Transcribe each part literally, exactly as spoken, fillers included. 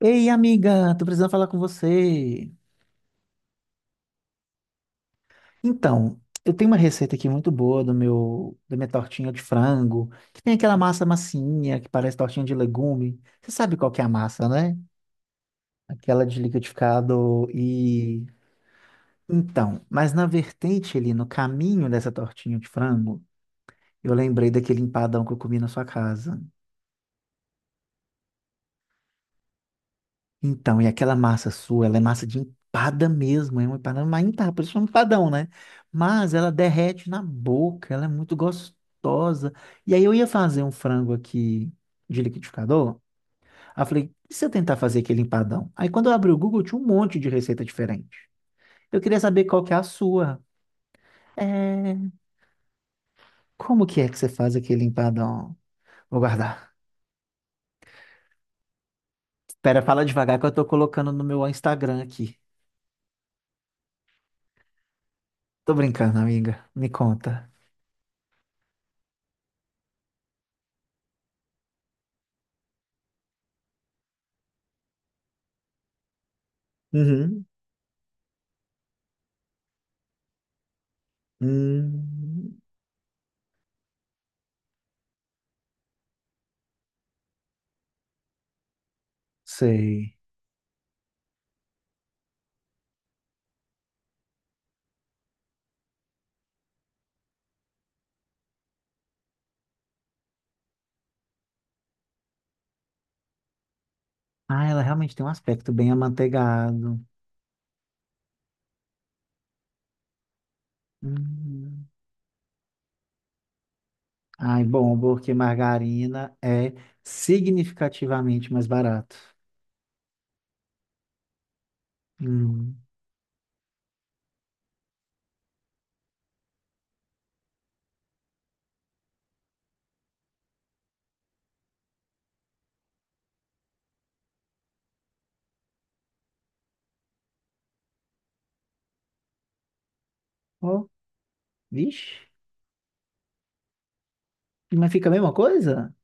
Ei, amiga, tô precisando falar com você. Então, eu tenho uma receita aqui muito boa do meu, da minha tortinha de frango, que tem aquela massa massinha que parece tortinha de legume. Você sabe qual que é a massa, né? Aquela de liquidificado e então, mas na vertente ali, no caminho dessa tortinha de frango, eu lembrei daquele empadão que eu comi na sua casa. Então, e aquela massa sua, ela é massa de empada mesmo, é uma empada, uma empada, por isso é um empadão, né? Mas ela derrete na boca, ela é muito gostosa. E aí eu ia fazer um frango aqui de liquidificador, aí eu falei, e se eu tentar fazer aquele empadão? Aí quando eu abri o Google, tinha um monte de receita diferente. Eu queria saber qual que é a sua. É, como que é que você faz aquele empadão? Vou guardar. Espera, fala devagar que eu tô colocando no meu Instagram aqui. Tô brincando, amiga. Me conta. Uhum. Hum, sei. Ah, ela realmente tem um aspecto bem amanteigado. Hum. Ai, bom, porque margarina é significativamente mais barato. Hum. Oh, vixe. Mas fica a mesma coisa?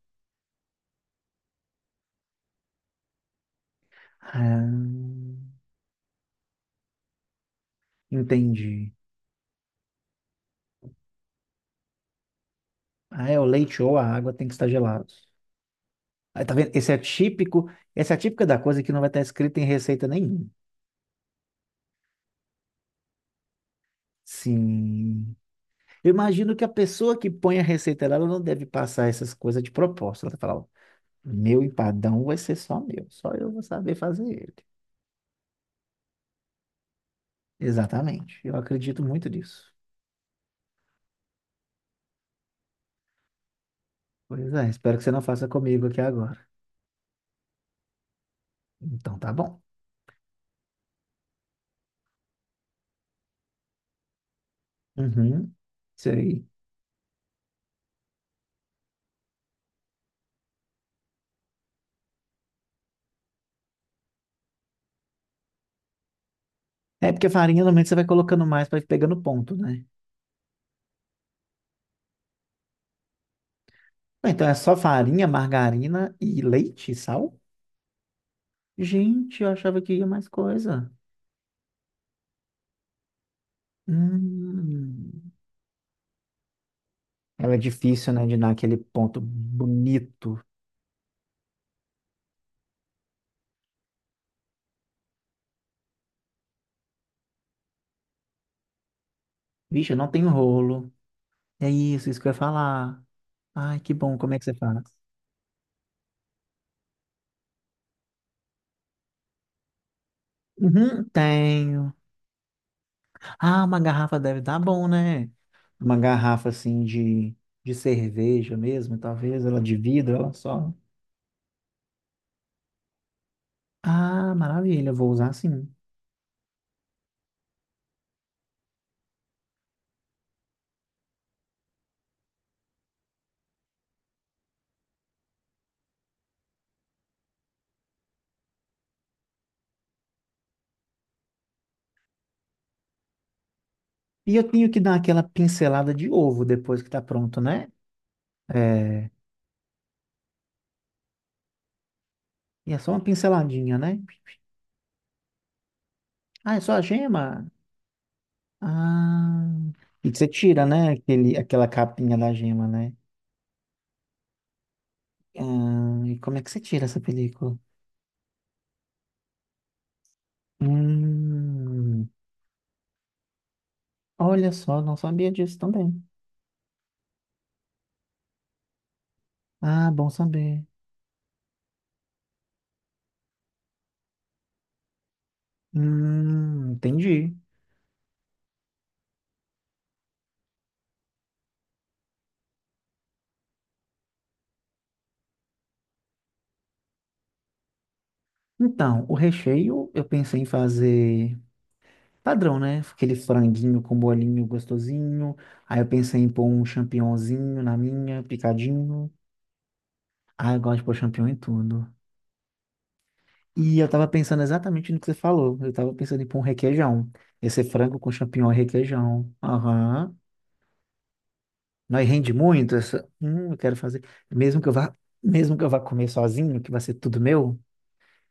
Ah, entendi. Ah, é, o leite ou a água tem que estar gelados. Aí, tá vendo? Esse é típico, essa é a típica da coisa que não vai estar escrita em receita nenhuma. Sim. Eu imagino que a pessoa que põe a receita lá, ela não deve passar essas coisas de propósito. Ela fala, ó, meu empadão vai ser só meu, só eu vou saber fazer ele. Exatamente, eu acredito muito nisso. Pois é, espero que você não faça comigo aqui agora. Então tá bom. Uhum, isso aí. É porque farinha normalmente você vai colocando mais para ir pegando ponto, né? Ué, então é só farinha, margarina e leite e sal? Gente, eu achava que ia mais coisa. Hum. Ela é difícil, né, de dar aquele ponto bonito. Vixe, eu não tenho rolo. É isso, isso que eu ia falar. Ai, que bom, como é que você faz? Uhum, tenho. Ah, uma garrafa deve dar bom, né? Uma garrafa assim de, de cerveja mesmo, talvez ela de vidro, ela só. Ah, maravilha, eu vou usar sim. E eu tenho que dar aquela pincelada de ovo depois que tá pronto, né? É, e é só uma pinceladinha, né? Ah, é só a gema? Ah, e que você tira, né? Aquele, aquela capinha da gema, né? Ah, e como é que você tira essa película? Hum, olha só, não sabia disso também. Ah, bom saber. Hum, entendi. Então, o recheio eu pensei em fazer padrão, né? Aquele franguinho com bolinho gostosinho. Aí eu pensei em pôr um champignonzinho na minha, picadinho. Ah, eu gosto de pôr champignon em tudo. E eu tava pensando exatamente no que você falou. Eu tava pensando em pôr um requeijão. Esse frango com champignon e requeijão. Aham. Nós rende muito essa, hum, eu quero fazer, mesmo que eu vá, mesmo que eu vá comer sozinho, que vai ser tudo meu,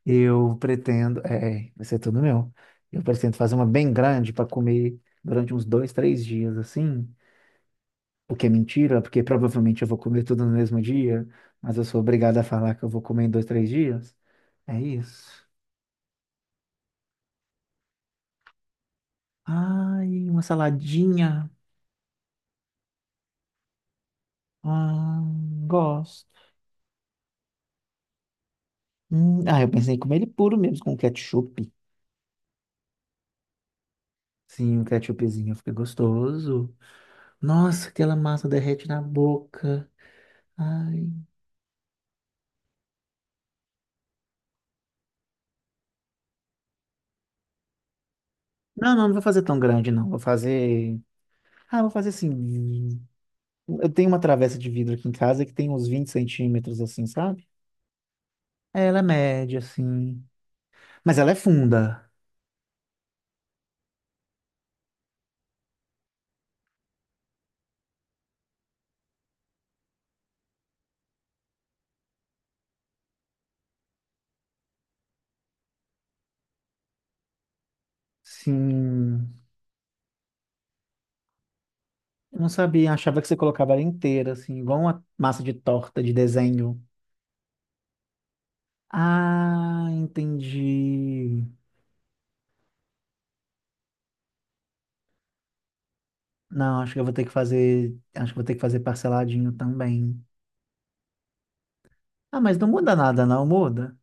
eu pretendo, é, vai ser tudo meu. Eu pretendo fazer uma bem grande para comer durante uns dois, três dias assim, o que é mentira, porque provavelmente eu vou comer tudo no mesmo dia, mas eu sou obrigado a falar que eu vou comer em dois, três dias. É isso. Ai, uma saladinha. Ah, gosto. Hum, ah, eu pensei em comer ele puro mesmo, com ketchup. Sim, o ketchupzinho fica gostoso. Nossa, aquela massa derrete na boca. Ai. Não, não, não vou fazer tão grande, não. Vou fazer. Ah, vou fazer assim. Eu tenho uma travessa de vidro aqui em casa que tem uns vinte centímetros, assim, sabe? Ela é média, assim. Mas ela é funda. Sim. Eu não sabia, achava que você colocava ela inteira, assim, igual uma massa de torta de desenho. Ah, entendi. Não, acho que eu vou ter que fazer. Acho que eu vou ter que fazer parceladinho também. Ah, mas não muda nada, não muda.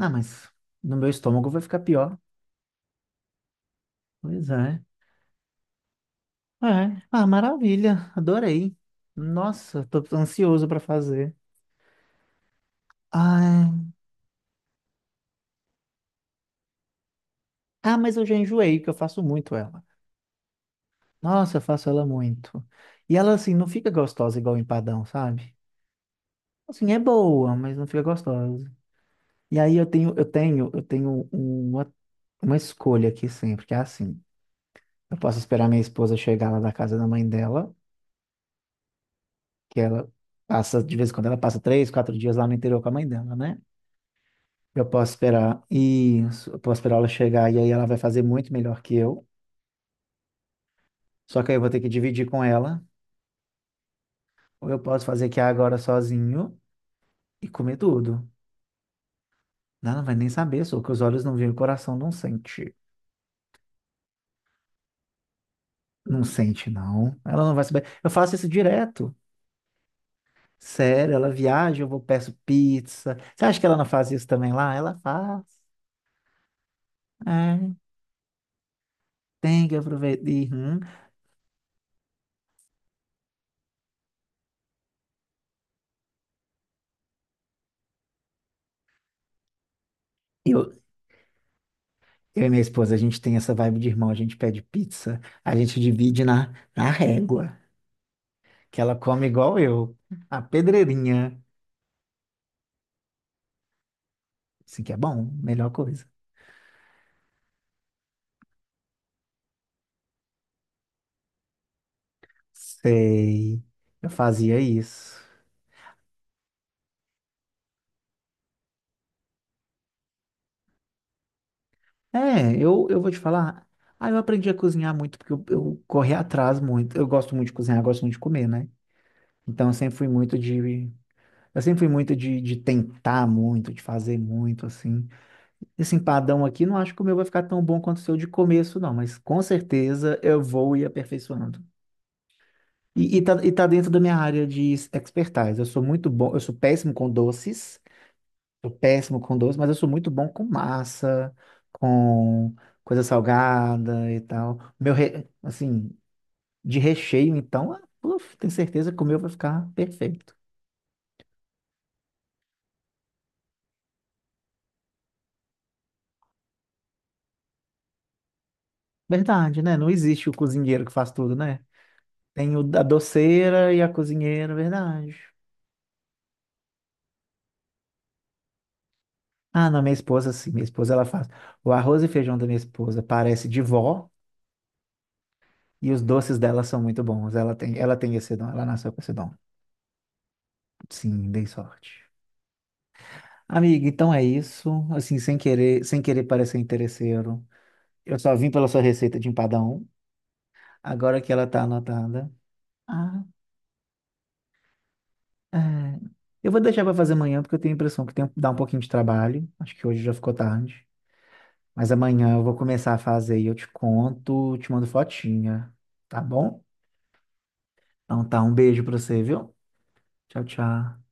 Ah, mas no meu estômago vai ficar pior. Pois é. É. Ah, maravilha. Adorei. Nossa, tô ansioso pra fazer. Ah, ah, mas eu já enjoei, que eu faço muito ela. Nossa, eu faço ela muito. E ela, assim, não fica gostosa igual empadão, sabe? Assim, é boa, mas não fica gostosa. E aí eu tenho, eu tenho, eu tenho uma, uma escolha aqui sempre, que é assim. Eu posso esperar minha esposa chegar lá da casa da mãe dela, que ela passa, de vez em quando ela passa três, quatro dias lá no interior com a mãe dela, né? Eu posso esperar isso, eu posso esperar ela chegar e aí ela vai fazer muito melhor que eu. Só que aí eu vou ter que dividir com ela, ou eu posso fazer aqui agora sozinho e comer tudo. Ela não vai nem saber, só que os olhos não veem, o coração não sente. Não sente, não. Ela não vai saber. Eu faço isso direto. Sério, ela viaja, eu vou peço pizza. Você acha que ela não faz isso também lá? Ela faz. É, tem que aproveitar. Uhum. Eu, Eu e minha esposa, a gente tem essa vibe de irmão, a gente pede pizza, a gente divide na, na régua, que ela come igual eu, a pedreirinha, assim que é bom, melhor coisa. Sei, eu fazia isso. É, eu, eu vou te falar, ah, eu aprendi a cozinhar muito, porque eu, eu corri atrás muito, eu gosto muito de cozinhar, gosto muito de comer, né? Então eu sempre fui muito de, eu sempre fui muito de, de tentar muito, de fazer muito, assim, esse empadão aqui, não acho que o meu vai ficar tão bom quanto o seu de começo, não, mas com certeza eu vou ir aperfeiçoando. E, e, tá, e tá dentro da minha área de expertise. Eu sou muito bom, eu sou péssimo com doces, sou péssimo com doces, mas eu sou muito bom com massa, com coisa salgada e tal. Meu, re- assim, de recheio, então, ah, uf, tenho certeza que o meu vai ficar perfeito. Verdade, né? Não existe o cozinheiro que faz tudo, né? Tem o, a doceira e a cozinheira, verdade. Ah, não, minha esposa, sim, minha esposa ela faz. O arroz e feijão da minha esposa parece de vó e os doces dela são muito bons. Ela tem, ela tem esse dom, ela nasceu com esse dom. Sim, dei sorte. Amiga, então é isso. Assim, sem querer, sem querer parecer interesseiro. Eu só vim pela sua receita de empadão. Agora que ela tá anotada. Ah, é. Eu vou deixar para fazer amanhã porque eu tenho a impressão que tem dá um pouquinho de trabalho. Acho que hoje já ficou tarde. Mas amanhã eu vou começar a fazer e eu te conto, te mando fotinha, tá bom? Então tá, um beijo pra você, viu? Tchau, tchau.